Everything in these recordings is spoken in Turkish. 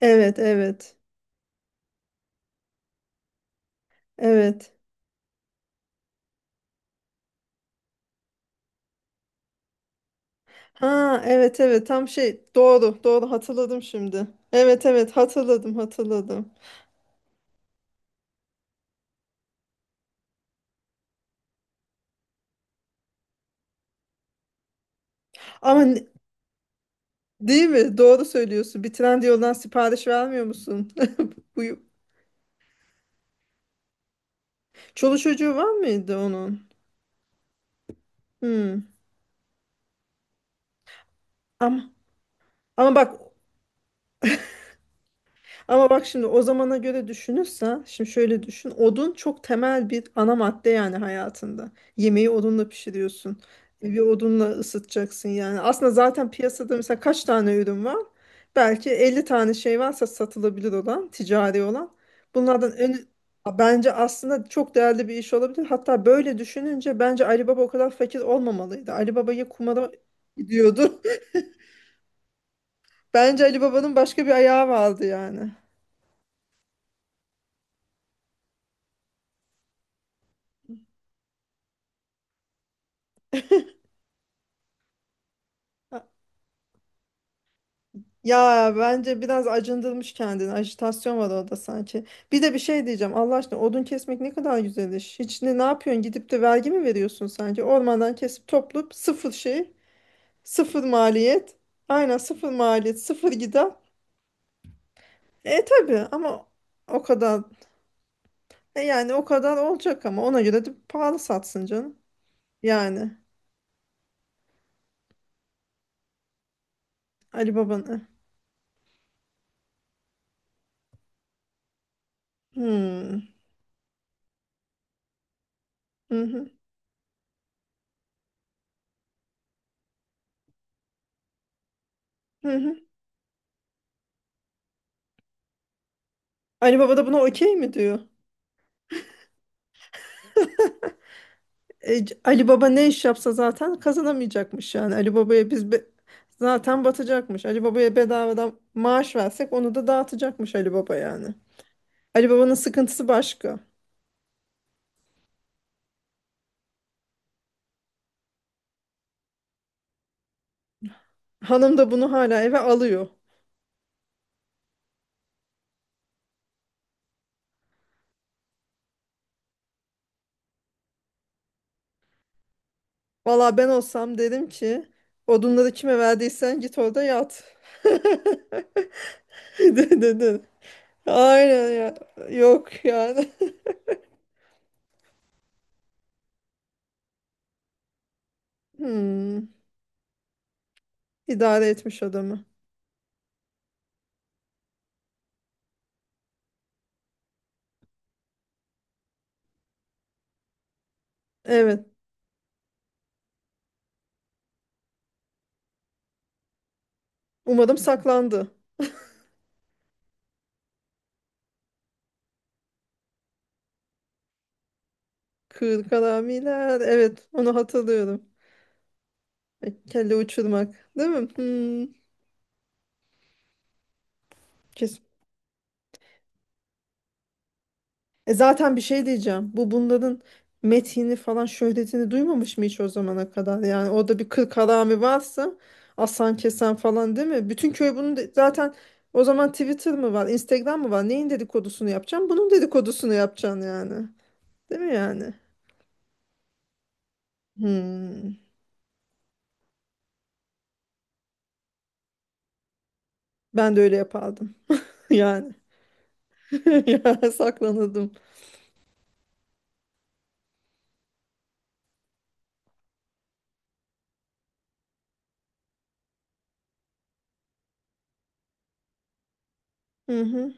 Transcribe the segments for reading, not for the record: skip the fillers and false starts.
Evet, evet. Evet. Ha, evet, evet. Tam doğru, doğru hatırladım şimdi. Evet, evet. Hatırladım, hatırladım. Ama ne- Değil mi? Doğru söylüyorsun. Bir Trendyol'dan sipariş vermiyor musun? Bu Çoluk çocuğu var mıydı onun? Hmm. Ama ama bak Ama bak şimdi o zamana göre düşünürsen, şimdi şöyle düşün. Odun çok temel bir ana madde yani hayatında. Yemeği odunla pişiriyorsun. Evi odunla ısıtacaksın yani. Aslında zaten piyasada mesela kaç tane ürün var? Belki 50 tane şey varsa satılabilir olan, ticari olan. Bunlardan en- Bence aslında çok değerli bir iş olabilir. Hatta böyle düşününce bence Ali Baba o kadar fakir olmamalıydı. Ali Baba'yı kumara gidiyordu. Bence Ali Baba'nın başka bir ayağı vardı yani. Ya bence biraz acındırmış kendini. Ajitasyon var orada sanki. Bir de bir şey diyeceğim. Allah aşkına odun kesmek ne kadar güzel iş. Hiç ne yapıyorsun? Gidip de vergi mi veriyorsun sanki? Ormandan kesip toplayıp sıfır şey, sıfır maliyet. Aynen sıfır maliyet, sıfır gider. E tabii ama o kadar o kadar olacak ama ona göre de pahalı satsın canım. Yani Ali Baba'nın. Hmm. Hı hı. Hı hı. Ali Baba da buna okey mi diyor? Ali Baba ne iş yapsa zaten kazanamayacakmış yani. Ali Baba'ya biz be- Zaten batacakmış. Ali Baba'ya bedavadan maaş versek onu da dağıtacakmış Ali Baba yani. Ali Baba'nın sıkıntısı başka. Hanım da bunu hala eve alıyor. Valla ben olsam dedim ki odunları kime verdiysen git orada yat. De- de- de. Aynen ya. Yok yani. Hmm. İdare etmiş adamı. Evet. Umarım saklandı. Kırkalamiler. Evet, onu hatırlıyorum. Ay, kelle uçurmak, değil mi? Hmm, kesin. E zaten bir şey diyeceğim. Bunların metini falan şöhretini duymamış mı hiç o zamana kadar? Yani orada bir kırkalami varsa asan kesen falan değil mi? Bütün köy bunu zaten o zaman Twitter mı var, Instagram mı var? Neyin dedikodusunu yapacağım? Bunun dedikodusunu yapacaksın yani. Değil mi yani? Hmm. Ben de öyle yapardım. Yani. Ya saklanırdım. Hı hı.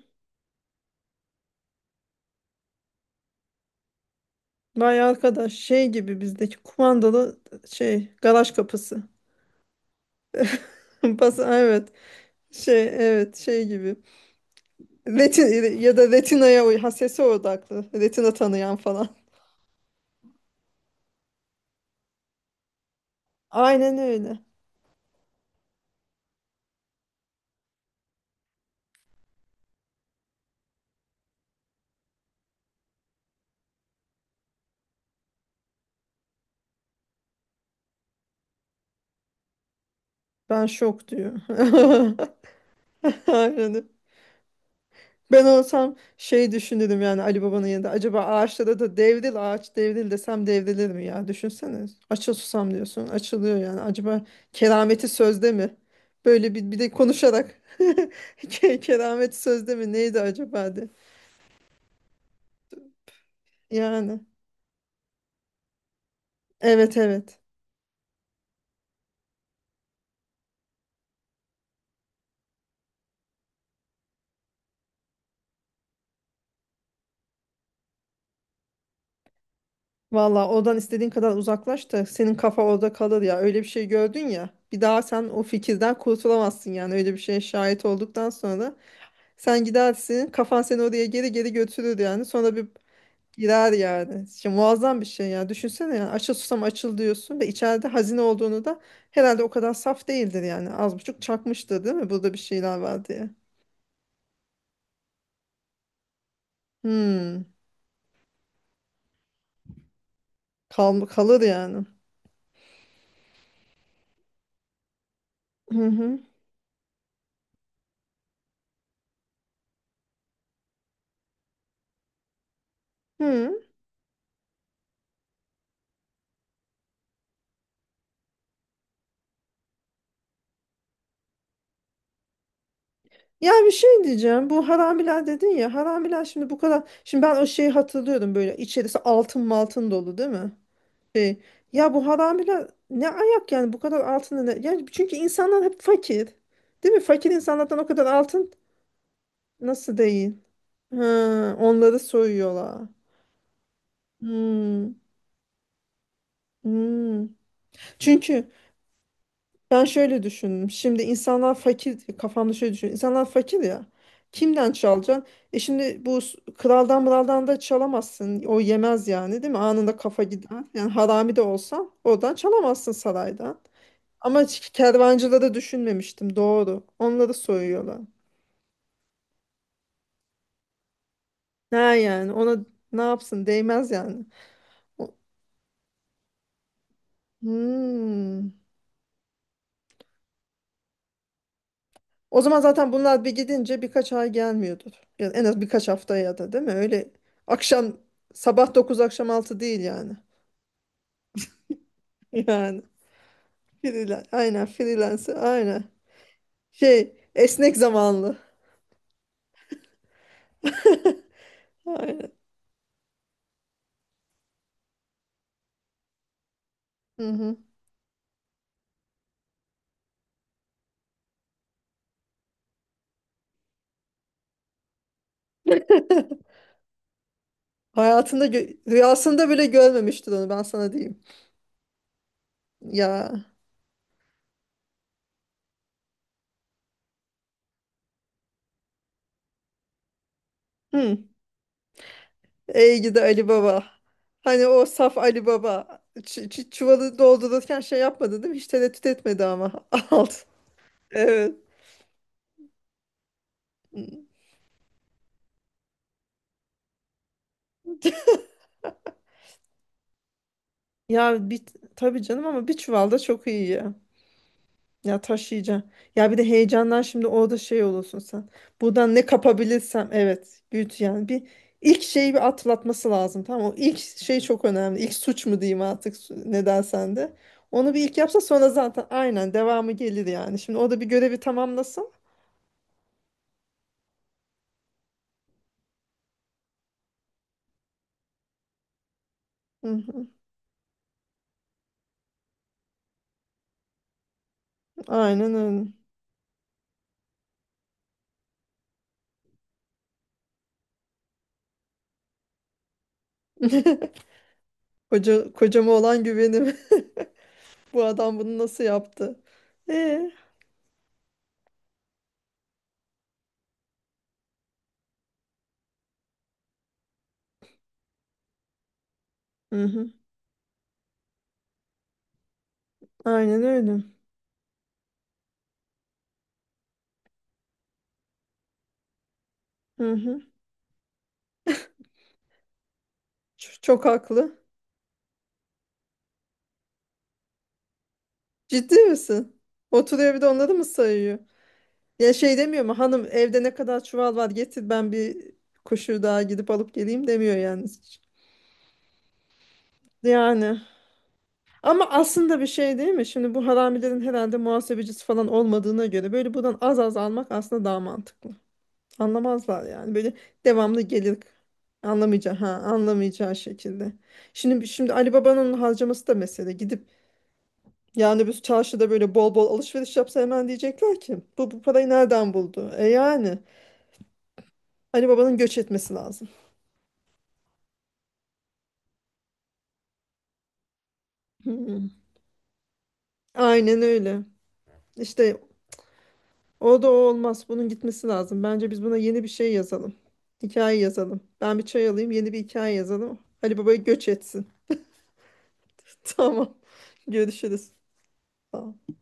Vay arkadaş şey gibi bizdeki kumandalı şey garaj kapısı. Bas evet. Şey evet şey gibi. Retin ya da retinaya uy ha sese odaklı. Retina tanıyan falan. Aynen öyle. Ben şok diyor. Aynen. Ben olsam şey düşünürüm yani Ali Baba'nın yanında. Acaba ağaçlara da ağaç devril desem devrilir mi ya? Düşünsene. Açıl susam diyorsun. Açılıyor yani. Acaba kerameti sözde mi? Böyle bir de konuşarak. Kerameti sözde mi? Neydi acaba de. Yani. Evet evet. Valla oradan istediğin kadar uzaklaş da senin kafa orada kalır ya. Öyle bir şey gördün ya. Bir daha sen o fikirden kurtulamazsın yani. Öyle bir şeye şahit olduktan sonra. Sen gidersin kafan seni oraya geri geri götürür yani sonra bir girer yani. Şimdi muazzam bir şey ya düşünsene yani açıl susam açıl diyorsun ve içeride hazine olduğunu da herhalde o kadar saf değildir yani az buçuk çakmıştır değil mi burada bir şeyler var diye. Hmm. Kalır yani. Hı hı. Hı. Ya bir şey diyeceğim. Bu haramiler dedin ya. Haramiler şimdi bu kadar. Şimdi ben o şeyi hatırlıyorum böyle. İçerisi altın maltın dolu değil mi? Şey, ya bu haramiler ne ayak yani bu kadar altını ne? Yani çünkü insanlar hep fakir. Değil mi? Fakir insanlardan o kadar altın nasıl değil? Ha, onları soyuyorlar. Hmm, hmm. Çünkü ben şöyle düşündüm. Şimdi insanlar fakir, kafamda şöyle düşünüyorum. İnsanlar fakir ya. Kimden çalacaksın? E şimdi bu kraldan mıraldan da çalamazsın. O yemez yani değil mi? Anında kafa gider. Yani harami de olsan oradan çalamazsın saraydan. Ama hiç kervancıları düşünmemiştim doğru. Onları soyuyorlar. Ne yani ona ne yapsın değmez yani. O, hmm. O zaman zaten bunlar bir gidince birkaç ay gelmiyordur. Yani en az birkaç hafta ya da değil mi? Öyle akşam sabah 9 akşam 6 değil yani. Yani freelance aynen freelance aynen. Şey esnek zamanlı. Aynen. Hı hı. Hayatında rüyasında bile görmemiştir onu ben sana diyeyim. Ya. Hı. Ey gidi Ali Baba. Hani o saf Ali Baba. Çuvalı doldururken şey yapmadı değil mi? Hiç tereddüt etmedi ama. Alt. Evet. Ya tabii canım ama bir çuval da çok iyi ya. Ya taşıyacaksın. Ya bir de heyecandan şimdi orada şey olursun sen. Buradan ne kapabilirsem evet güç yani bir ilk şeyi bir atlatması lazım tamam mı? O ilk şey çok önemli. İlk suç mu diyeyim artık ne dersen de. Onu bir ilk yapsa sonra zaten aynen devamı gelir yani. Şimdi o da bir görevi tamamlasın. Hı hı. Aynen öyle. Kocama olan güvenim. Bu adam bunu nasıl yaptı? Ee, hı hı. Aynen öyle. Hı hı. Çok haklı. Ciddi misin? Oturuyor bir de onları mı sayıyor? Ya şey demiyor mu? Hanım evde ne kadar çuval var getir ben bir kuşu daha gidip alıp geleyim demiyor yani. Yani ama aslında bir şey değil mi? Şimdi bu haramilerin herhalde muhasebecisi falan olmadığına göre böyle buradan az az almak aslında daha mantıklı. Anlamazlar yani. Böyle devamlı gelir anlamayacağı şekilde. Şimdi Ali Baba'nın harcaması da mesele. Gidip yani öbür çarşıda böyle bol bol alışveriş yapsa hemen diyecekler ki bu parayı nereden buldu? E yani Ali Baba'nın göç etmesi lazım. Hmm. Aynen öyle. İşte o da o olmaz. Bunun gitmesi lazım. Bence biz buna yeni bir şey yazalım. Hikaye yazalım. Ben bir çay alayım, yeni bir hikaye yazalım. Ali Baba'yı göç etsin. Tamam. Görüşürüz. Sağ ol.